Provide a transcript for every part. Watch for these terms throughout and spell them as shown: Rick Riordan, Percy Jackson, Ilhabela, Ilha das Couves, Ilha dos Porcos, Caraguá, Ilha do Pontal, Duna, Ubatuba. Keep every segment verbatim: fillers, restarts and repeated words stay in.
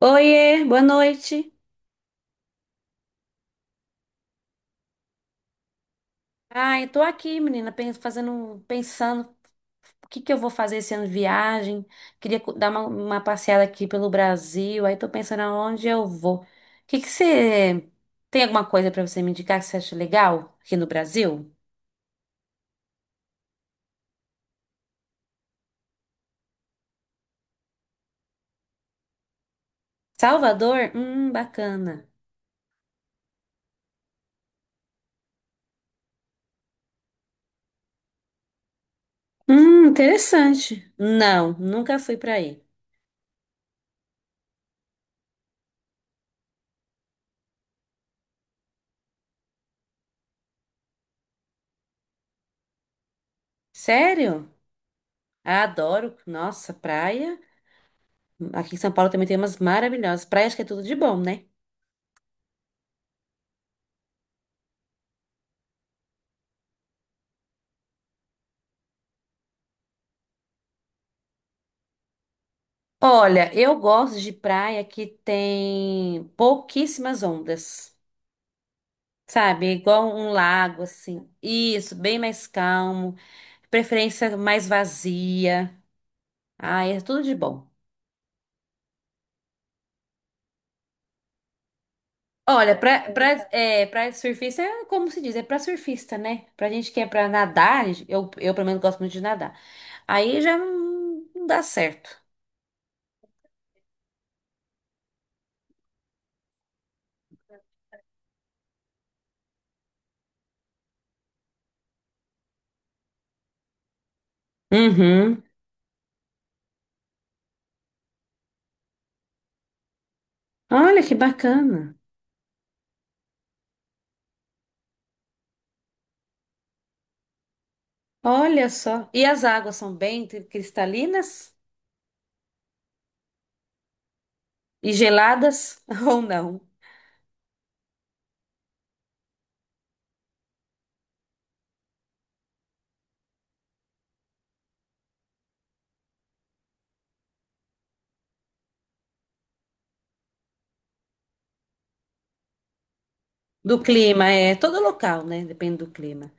Oiê, boa noite. Ai, tô aqui, menina, pen- fazendo, pensando o que que eu vou fazer esse ano de viagem. Queria cu- dar uma, uma passeada aqui pelo Brasil, aí tô pensando aonde eu vou. O que que você tem alguma coisa pra você me indicar que você acha legal aqui no Brasil? Salvador? Hum, bacana. Hum, interessante. Não, nunca fui pra aí. Sério? Adoro. Nossa, praia. Aqui em São Paulo também tem umas maravilhosas. Praias que é tudo de bom, né? Olha, eu gosto de praia que tem pouquíssimas ondas, sabe? Igual um lago, assim. Isso, bem mais calmo, preferência mais vazia. Ah, é tudo de bom. Olha, pra, pra, é, pra surfista é como se diz, é pra surfista, né? Pra gente que é pra nadar, eu, eu pelo menos gosto muito de nadar. Aí já não não dá certo. Uhum. Olha que bacana. Olha só. E as águas são bem cristalinas? E geladas ou não? Do clima, é todo local, né? Depende do clima.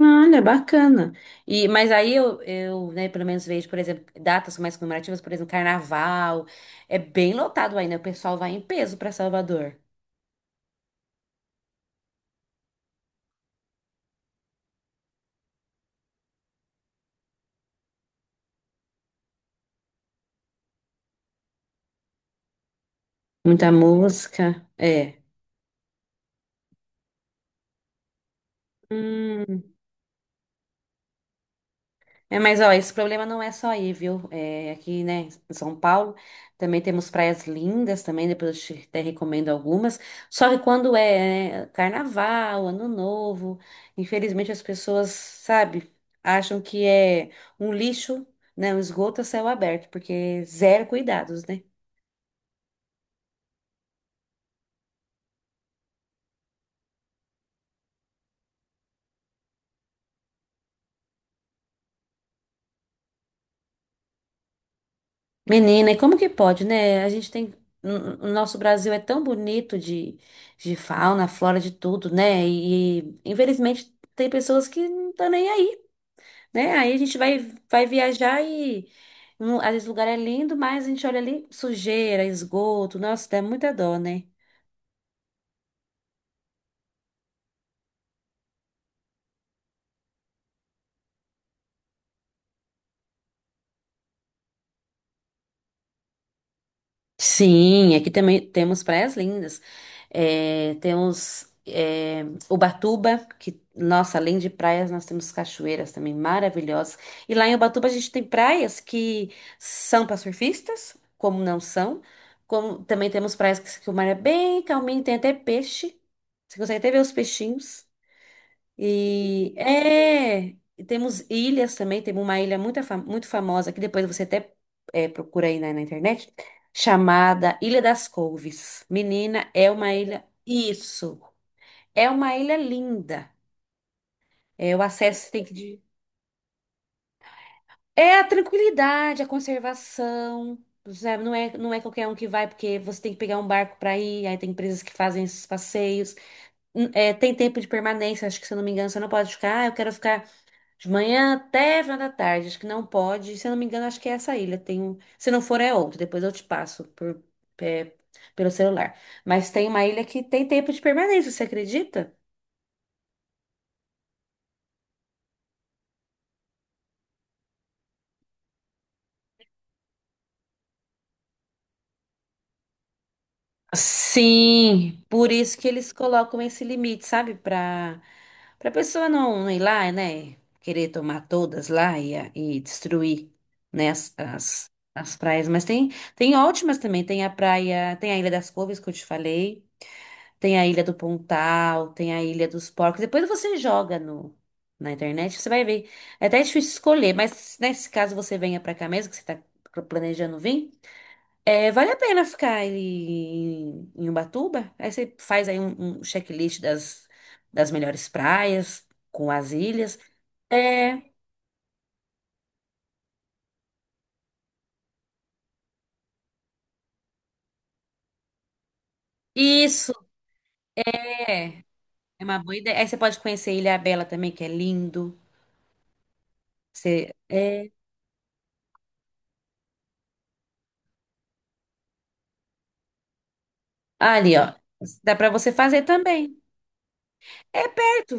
Olha, bacana. E, mas aí eu, eu, né, pelo menos vejo, por exemplo, datas mais comemorativas, por exemplo, carnaval. É bem lotado aí, né? O pessoal vai em peso para Salvador. Muita música. É. Hum. É, mas, ó, esse problema não é só aí, viu? É, aqui, né, em São Paulo, também temos praias lindas também, depois eu te até recomendo algumas. Só que quando é, né, carnaval, ano novo, infelizmente as pessoas, sabe, acham que é um lixo, né, um esgoto a céu aberto, porque zero cuidados, né? Menina, e como que pode, né? A gente tem. O nosso Brasil é tão bonito de, de fauna, flora, de tudo, né? E infelizmente tem pessoas que não estão nem aí. Né? Aí a gente vai, vai viajar e um, às vezes o lugar é lindo, mas a gente olha ali sujeira, esgoto, nossa, dá muita dó, né? Sim, aqui também temos praias lindas. É, temos é, Ubatuba, que, nossa, além de praias, nós temos cachoeiras também maravilhosas. E lá em Ubatuba a gente tem praias que são para surfistas, como não são. Como, também temos praias que, que o mar é bem calminho, tem até peixe. Você consegue até ver os peixinhos. E é, e temos ilhas também, temos uma ilha muito, muito famosa, que depois você até é, procura aí na, na internet, chamada Ilha das Couves. Menina, é uma ilha, isso, é uma ilha linda. É, o acesso tem que... de- É a tranquilidade, a conservação, sabe? Não é, não é qualquer um que vai, porque você tem que pegar um barco para ir, aí tem empresas que fazem esses passeios. Hum, é, tem tempo de permanência, acho que se eu não me engano, você não pode ficar, ah, eu quero ficar de manhã até final da tarde, acho que não pode. Se eu não me engano, acho que é essa ilha. Tem um... Se não for, é outra. Depois eu te passo por- é, pelo celular. Mas tem uma ilha que tem tempo de permanência, você acredita? Sim, por isso que eles colocam esse limite, sabe? Para para pessoa não, não ir lá, né? Querer tomar todas lá e, a- e destruir, né, as, as, as praias. Mas tem, tem ótimas também. Tem a praia, tem a Ilha das Couves, que eu te falei. Tem a Ilha do Pontal, tem a Ilha dos Porcos. Depois você joga no, na internet, você vai ver. É até difícil escolher, mas nesse caso você venha pra cá mesmo, que você tá planejando vir. É, vale a pena ficar aí em, em Ubatuba? Aí você faz aí um, um checklist das, das melhores praias, com as ilhas. É, isso é uma boa ideia. Aí você pode conhecer Ilhabela também, que é lindo. Você, é, ali, ó. Dá pra você fazer também. É perto.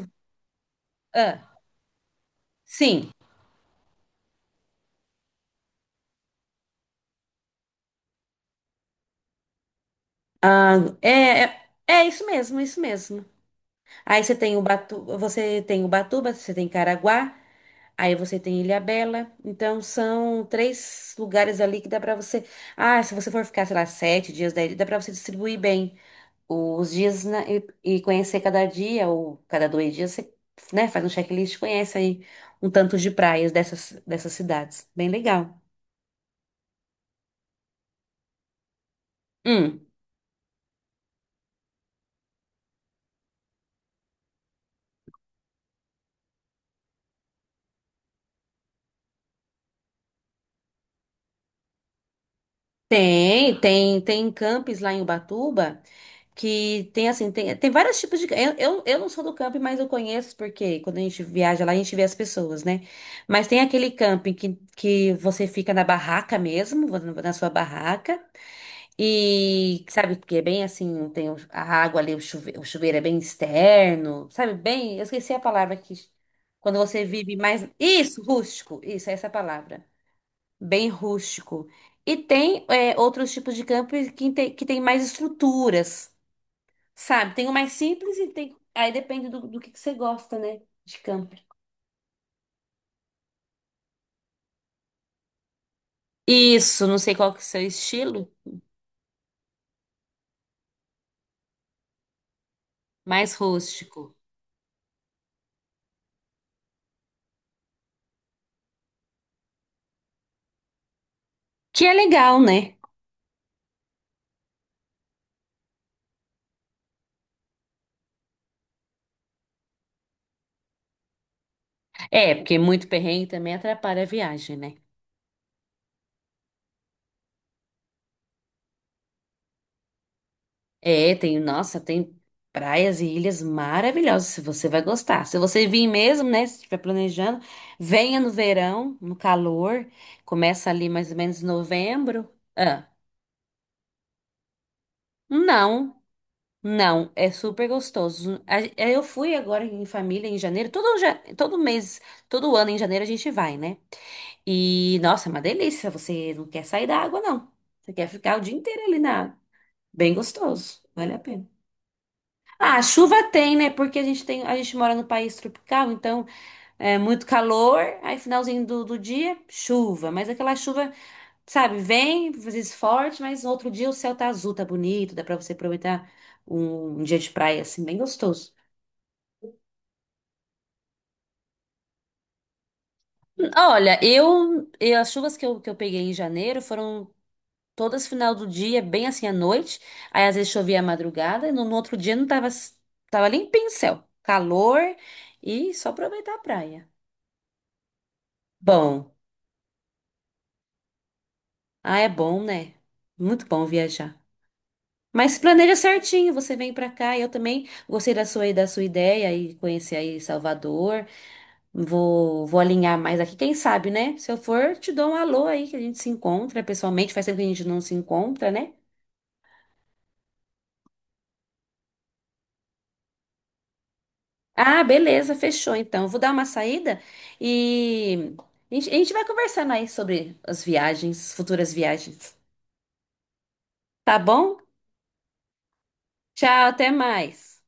Ah, sim. Ah, é, é, é isso mesmo, isso mesmo. Aí você tem o Batu, você tem Ubatuba, você tem Caraguá, aí você tem Ilhabela. Então são três lugares ali que dá pra você. Ah, se você for ficar, sei lá, sete dias daí, dá pra você distribuir bem os dias na- e, e conhecer cada dia ou cada dois dias você, né, faz um checklist, e conhece aí um tanto de praias dessas dessas cidades. Bem legal. Hum, tem, tem, tem campings lá em Ubatuba. Que tem assim, tem, tem vários tipos de. Eu, eu, eu não sou do camping, mas eu conheço, porque quando a gente viaja lá, a gente vê as pessoas, né? Mas tem aquele camping que, que você fica na barraca mesmo, vo- na sua barraca, e sabe, porque é bem assim, tem o- a água ali, o chuveiro, o chuveiro é bem externo, sabe? Bem, eu esqueci a palavra que. Quando você vive mais. Isso, rústico, isso, é essa é a palavra. Bem rústico. E tem é, outros tipos de camping que tem, que tem mais estruturas. Sabe, tem o mais simples e tem. Aí depende do, do que que você gosta, né? De campo. Isso, não sei qual que é o seu estilo, mais rústico. Que é legal, né? É, porque muito perrengue também atrapalha a viagem, né? É, tem, nossa, tem praias e ilhas maravilhosas, você vai gostar. Se você vir mesmo, né, se estiver planejando, venha no verão, no calor, começa ali mais ou menos em novembro. Ah, não. Não, é super gostoso. A- é, Eu fui agora em família em janeiro, todo, ja- todo mês, todo ano em janeiro a gente vai, né? E nossa, é uma delícia. Você não quer sair da água, não. Você quer ficar o dia inteiro ali na água. Bem gostoso, vale a pena. Ah, chuva tem, né? Porque a gente tem, a gente mora no país tropical, então é muito calor. Aí finalzinho do, do dia, chuva. Mas aquela chuva, sabe, vem, às vezes forte, mas no outro dia o céu tá azul, tá bonito, dá pra você aproveitar um, um dia de praia assim, bem gostoso. Olha, eu, eu- as chuvas que eu, que eu peguei em janeiro foram todas final do dia, bem assim à noite. Aí às vezes chovia à madrugada e no, no outro dia não tava, s- tava limpinho o céu. Calor e só aproveitar a praia. Bom, ah, é bom, né? Muito bom viajar. Mas planeja certinho, você vem pra cá. Eu também gostei da sua, da sua ideia e conhecer aí Salvador. Vou, vou alinhar mais aqui, quem sabe, né? Se eu for, te dou um alô aí que a gente se encontra pessoalmente. Faz tempo que a gente não se encontra, né? Ah, beleza, fechou então. Eu vou dar uma saída e a gente a gente vai conversando aí sobre as viagens, futuras viagens. Tá bom? Tchau, até mais.